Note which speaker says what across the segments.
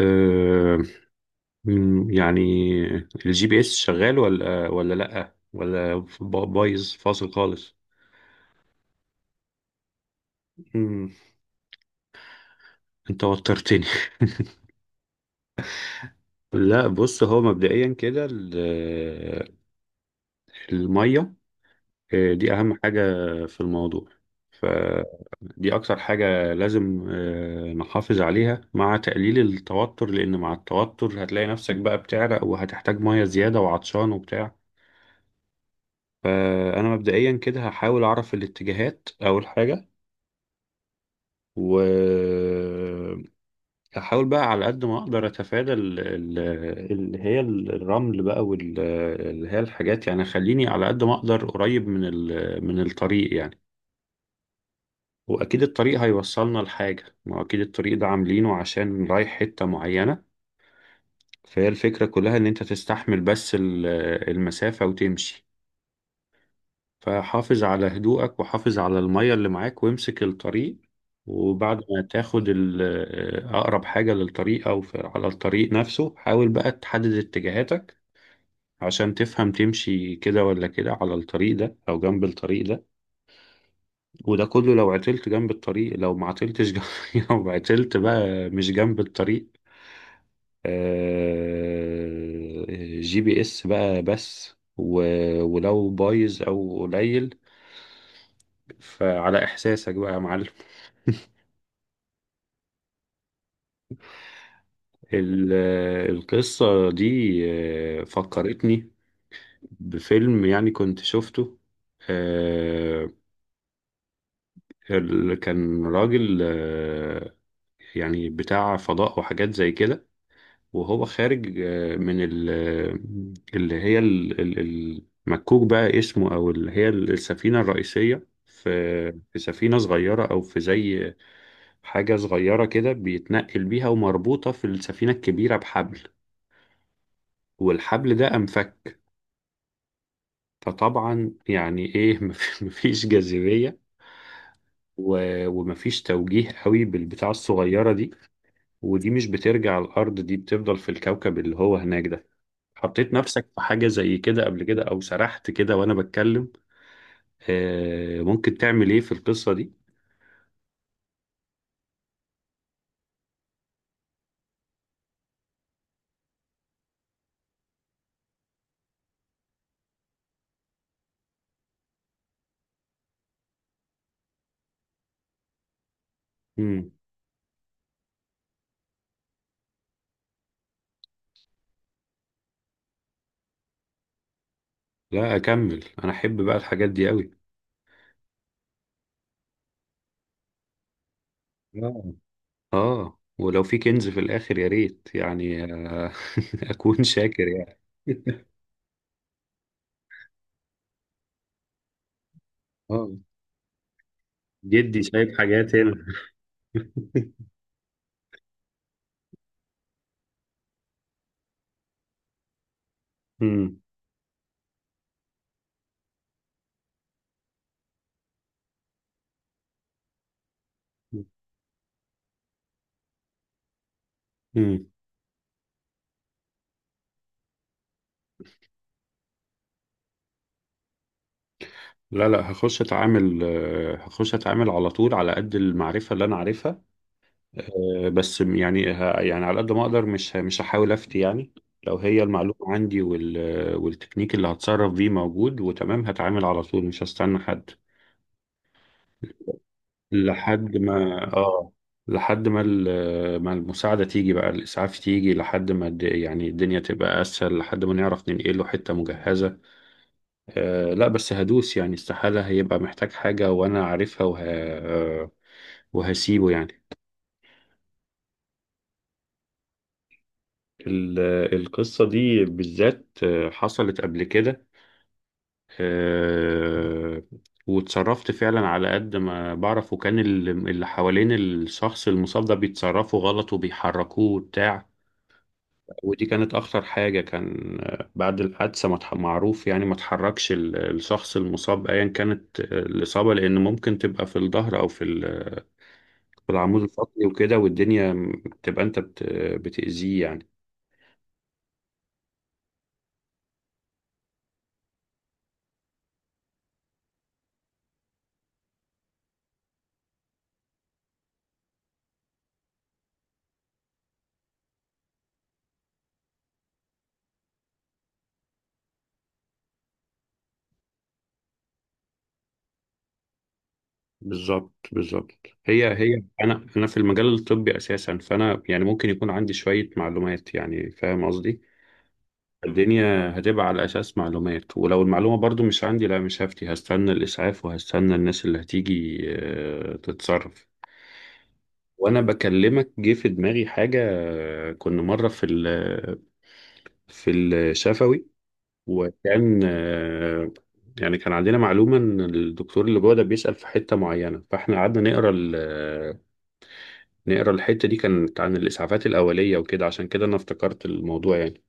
Speaker 1: أه. يعني الجي بي اس شغال ولا لأ ولا بايظ فاصل خالص. مم، انت وترتني. لا، بص، هو مبدئيا كده المية، دي أهم حاجة في الموضوع. فدي أكتر حاجة لازم نحافظ عليها، مع تقليل التوتر، لأن مع التوتر هتلاقي نفسك بقى بتعرق وهتحتاج مية زيادة وعطشان وبتاع. فأنا مبدئيا كده هحاول أعرف الاتجاهات أول حاجة، وهحاول بقى على قد ما أقدر أتفادى اللي هي الرمل بقى، واللي هي الحاجات، يعني خليني على قد ما أقدر قريب من الطريق يعني. وأكيد الطريق هيوصلنا لحاجة، ما هو أكيد الطريق ده عاملينه عشان رايح حتة معينة. فهي الفكرة كلها إن أنت تستحمل بس المسافة وتمشي. فحافظ على هدوءك، وحافظ على المية اللي معاك، وامسك الطريق. وبعد ما تاخد أقرب حاجة للطريق أو على الطريق نفسه، حاول بقى تحدد اتجاهاتك عشان تفهم تمشي كده ولا كده، على الطريق ده أو جنب الطريق ده. وده كله لو عطلت جنب الطريق، لو ما عطلتش جنب. لو عطلت بقى مش جنب الطريق، آه، جي بي اس بقى، بس ولو بايظ أو قليل فعلى إحساسك بقى يا معلم. ال- القصة دي فكرتني بفيلم يعني كنت شفته. آه، كان راجل، يعني بتاع فضاء وحاجات زي كده، وهو خارج اللي هي المكوك بقى اسمه، أو اللي هي السفينة الرئيسية، في سفينة صغيرة أو في زي حاجة صغيرة كده بيتنقل بيها، ومربوطة في السفينة الكبيرة بحبل، والحبل ده أنفك. فطبعا يعني ايه مفيش جاذبية، ومفيش توجيه قوي بالبتاعة الصغيرة دي، ودي مش بترجع الأرض، دي بتفضل في الكوكب اللي هو هناك ده. حطيت نفسك في حاجة زي كده قبل كده، أو سرحت كده وأنا بتكلم؟ ممكن تعمل إيه في القصة دي؟ مم. لا، أكمل، أنا أحب بقى الحاجات دي قوي. آه. ولو في كنز في الآخر يا ريت يعني. آه. أكون شاكر يعني. آه جدي شايف حاجات هنا. مم. مم. لا لا، هخش اتعامل على طول، على قد المعرفة اللي انا عارفها. بس يعني يعني على قد ما اقدر، مش هحاول افتي يعني. لو هي المعلومة عندي والتكنيك اللي هتصرف بيه موجود وتمام، هتعامل على طول، مش هستنى حد. لحد ما اه لحد ما ما المساعدة تيجي بقى، الإسعاف تيجي، لحد ما يعني الدنيا تبقى أسهل، لحد ما نعرف ننقله حتة مجهزة. لا، بس هدوس يعني، استحالة هيبقى محتاج حاجة وأنا عارفها وه... آه، وهسيبه يعني. ال- القصة دي بالذات حصلت قبل كده. آه، واتصرفت فعلا على قد ما بعرف، وكان اللي حوالين الشخص المصاب ده بيتصرفوا غلط وبيحركوه وبتاع. ودي كانت أخطر حاجة، كان بعد الحادثة ما اتح- معروف يعني ما تحركش الشخص المصاب أيا كانت الإصابة، لأن ممكن تبقى في الظهر أو في العمود الفقري وكده، والدنيا بتبقى انت بتأذيه يعني. بالظبط بالظبط. هي انا في المجال الطبي اساسا، فانا يعني ممكن يكون عندي شوية معلومات يعني، فاهم قصدي؟ الدنيا هتبقى على اساس معلومات. ولو المعلومة برضو مش عندي، لا، مش هفتي، هستنى الاسعاف وهستنى الناس اللي هتيجي تتصرف. وانا بكلمك جه في دماغي حاجة. كنا مرة في الشفوي، وكان يعني كان عندنا معلومة إن الدكتور اللي جوه ده بيسأل في حتة معينة، فإحنا قعدنا نقرا الحتة دي، كانت عن الإسعافات الأولية وكده، عشان كده أنا افتكرت الموضوع يعني.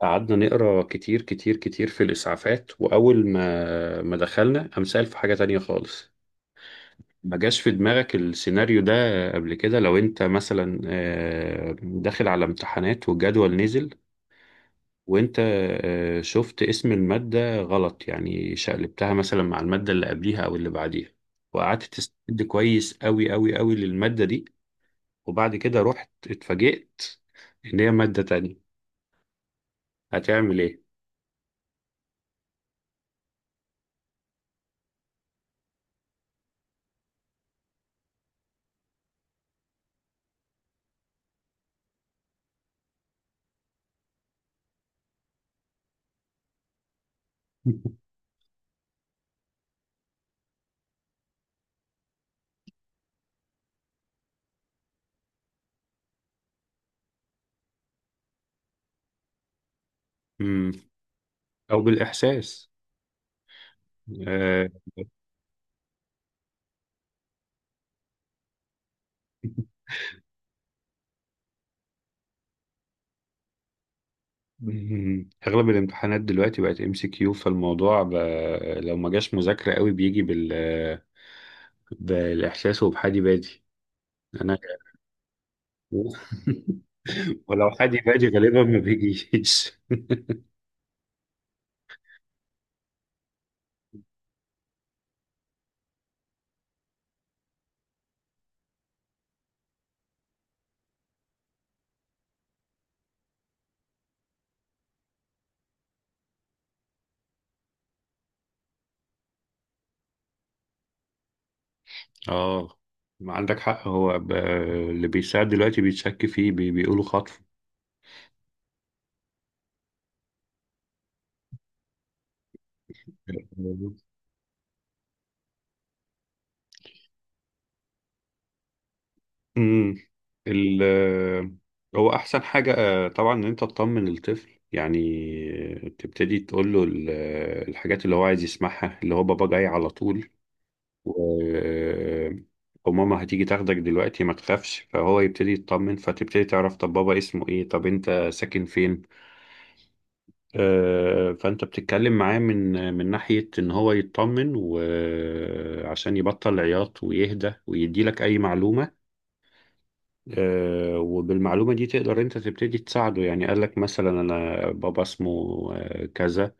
Speaker 1: قعدنا نقرا كتير كتير كتير في الإسعافات، وأول ما دخلنا قام سأل في حاجة تانية خالص. ما جاش في دماغك السيناريو ده قبل كده؟ لو أنت مثلا داخل على امتحانات والجدول نزل، وانت شفت اسم المادة غلط، يعني شقلبتها مثلا مع المادة اللي قبليها او اللي بعديها، وقعدت تستند كويس قوي قوي قوي للمادة دي، وبعد كده رحت اتفاجئت ان هي مادة تانية، هتعمل ايه؟ مم. او بالاحساس. آه، مم. اغلب الامتحانات دلوقتي بقت ام سي كيو، فالموضوع لو ما جاش مذاكرة قوي بيجي بالاحساس وبحادي بادي انا. ولو حد يبادي غالبا ما بيجيش. اه ما عندك حق. هو اللي بيساعد دلوقتي بيتشك فيه، بيقولوا خطف. امم ال... هو احسن حاجة طبعا ان انت تطمن الطفل يعني. تبتدي تقول له الحاجات اللي هو عايز يسمعها، اللي هو بابا جاي على طول، و... وماما هتيجي تاخدك دلوقتي ما تخافش، فهو يبتدي يطمن، فتبتدي تعرف طب بابا اسمه ايه، طب انت ساكن فين. فانت بتتكلم معاه من ناحية ان هو يطمن وعشان يبطل عياط ويهدى ويدي لك اي معلومة. وبالمعلومة دي تقدر انت تبتدي تساعده، يعني قال لك مثلا انا بابا اسمه كذا،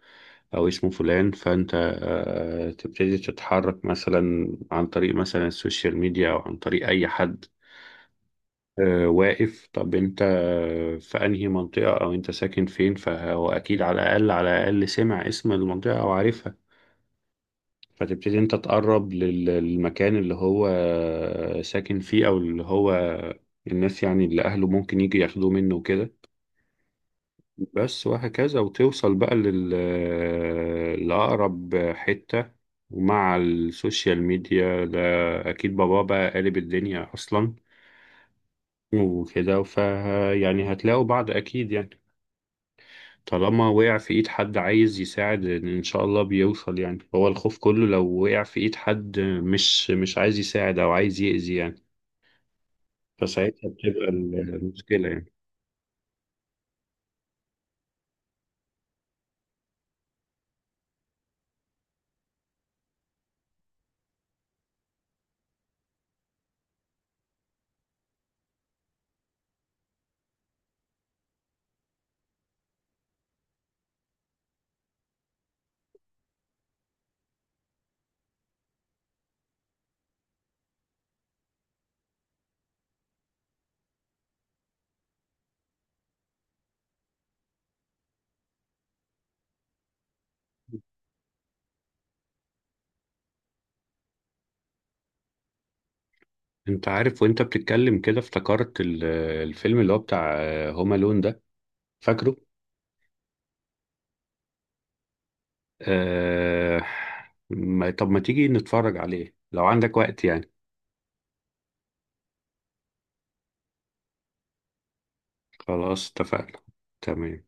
Speaker 1: او اسمه فلان، فانت تبتدي تتحرك مثلا عن طريق مثلا السوشيال ميديا، او عن طريق اي حد واقف، طب انت في انهي منطقة او انت ساكن فين، فهو اكيد على الاقل على الاقل سمع اسم المنطقة او عارفها. فتبتدي انت تقرب للمكان اللي هو ساكن فيه، او اللي هو الناس يعني اللي اهله ممكن يجي ياخدوه منه وكده، بس. وهكذا وتوصل بقى لأقرب حتة. ومع السوشيال ميديا ده اكيد بابا بقى قالب الدنيا اصلا وكده، ف يعني هتلاقوا بعض اكيد يعني. طالما وقع في ايد حد عايز يساعد ان شاء الله بيوصل يعني، هو الخوف كله لو وقع في ايد حد مش عايز يساعد او عايز يأذي يعني. فساعتها بتبقى المشكلة يعني. انت عارف، وانت بتتكلم كده افتكرت الفيلم اللي هو بتاع هوم الون ده، فاكره؟ آه... ما... طب ما تيجي نتفرج عليه لو عندك وقت يعني. خلاص، اتفقنا. تمام.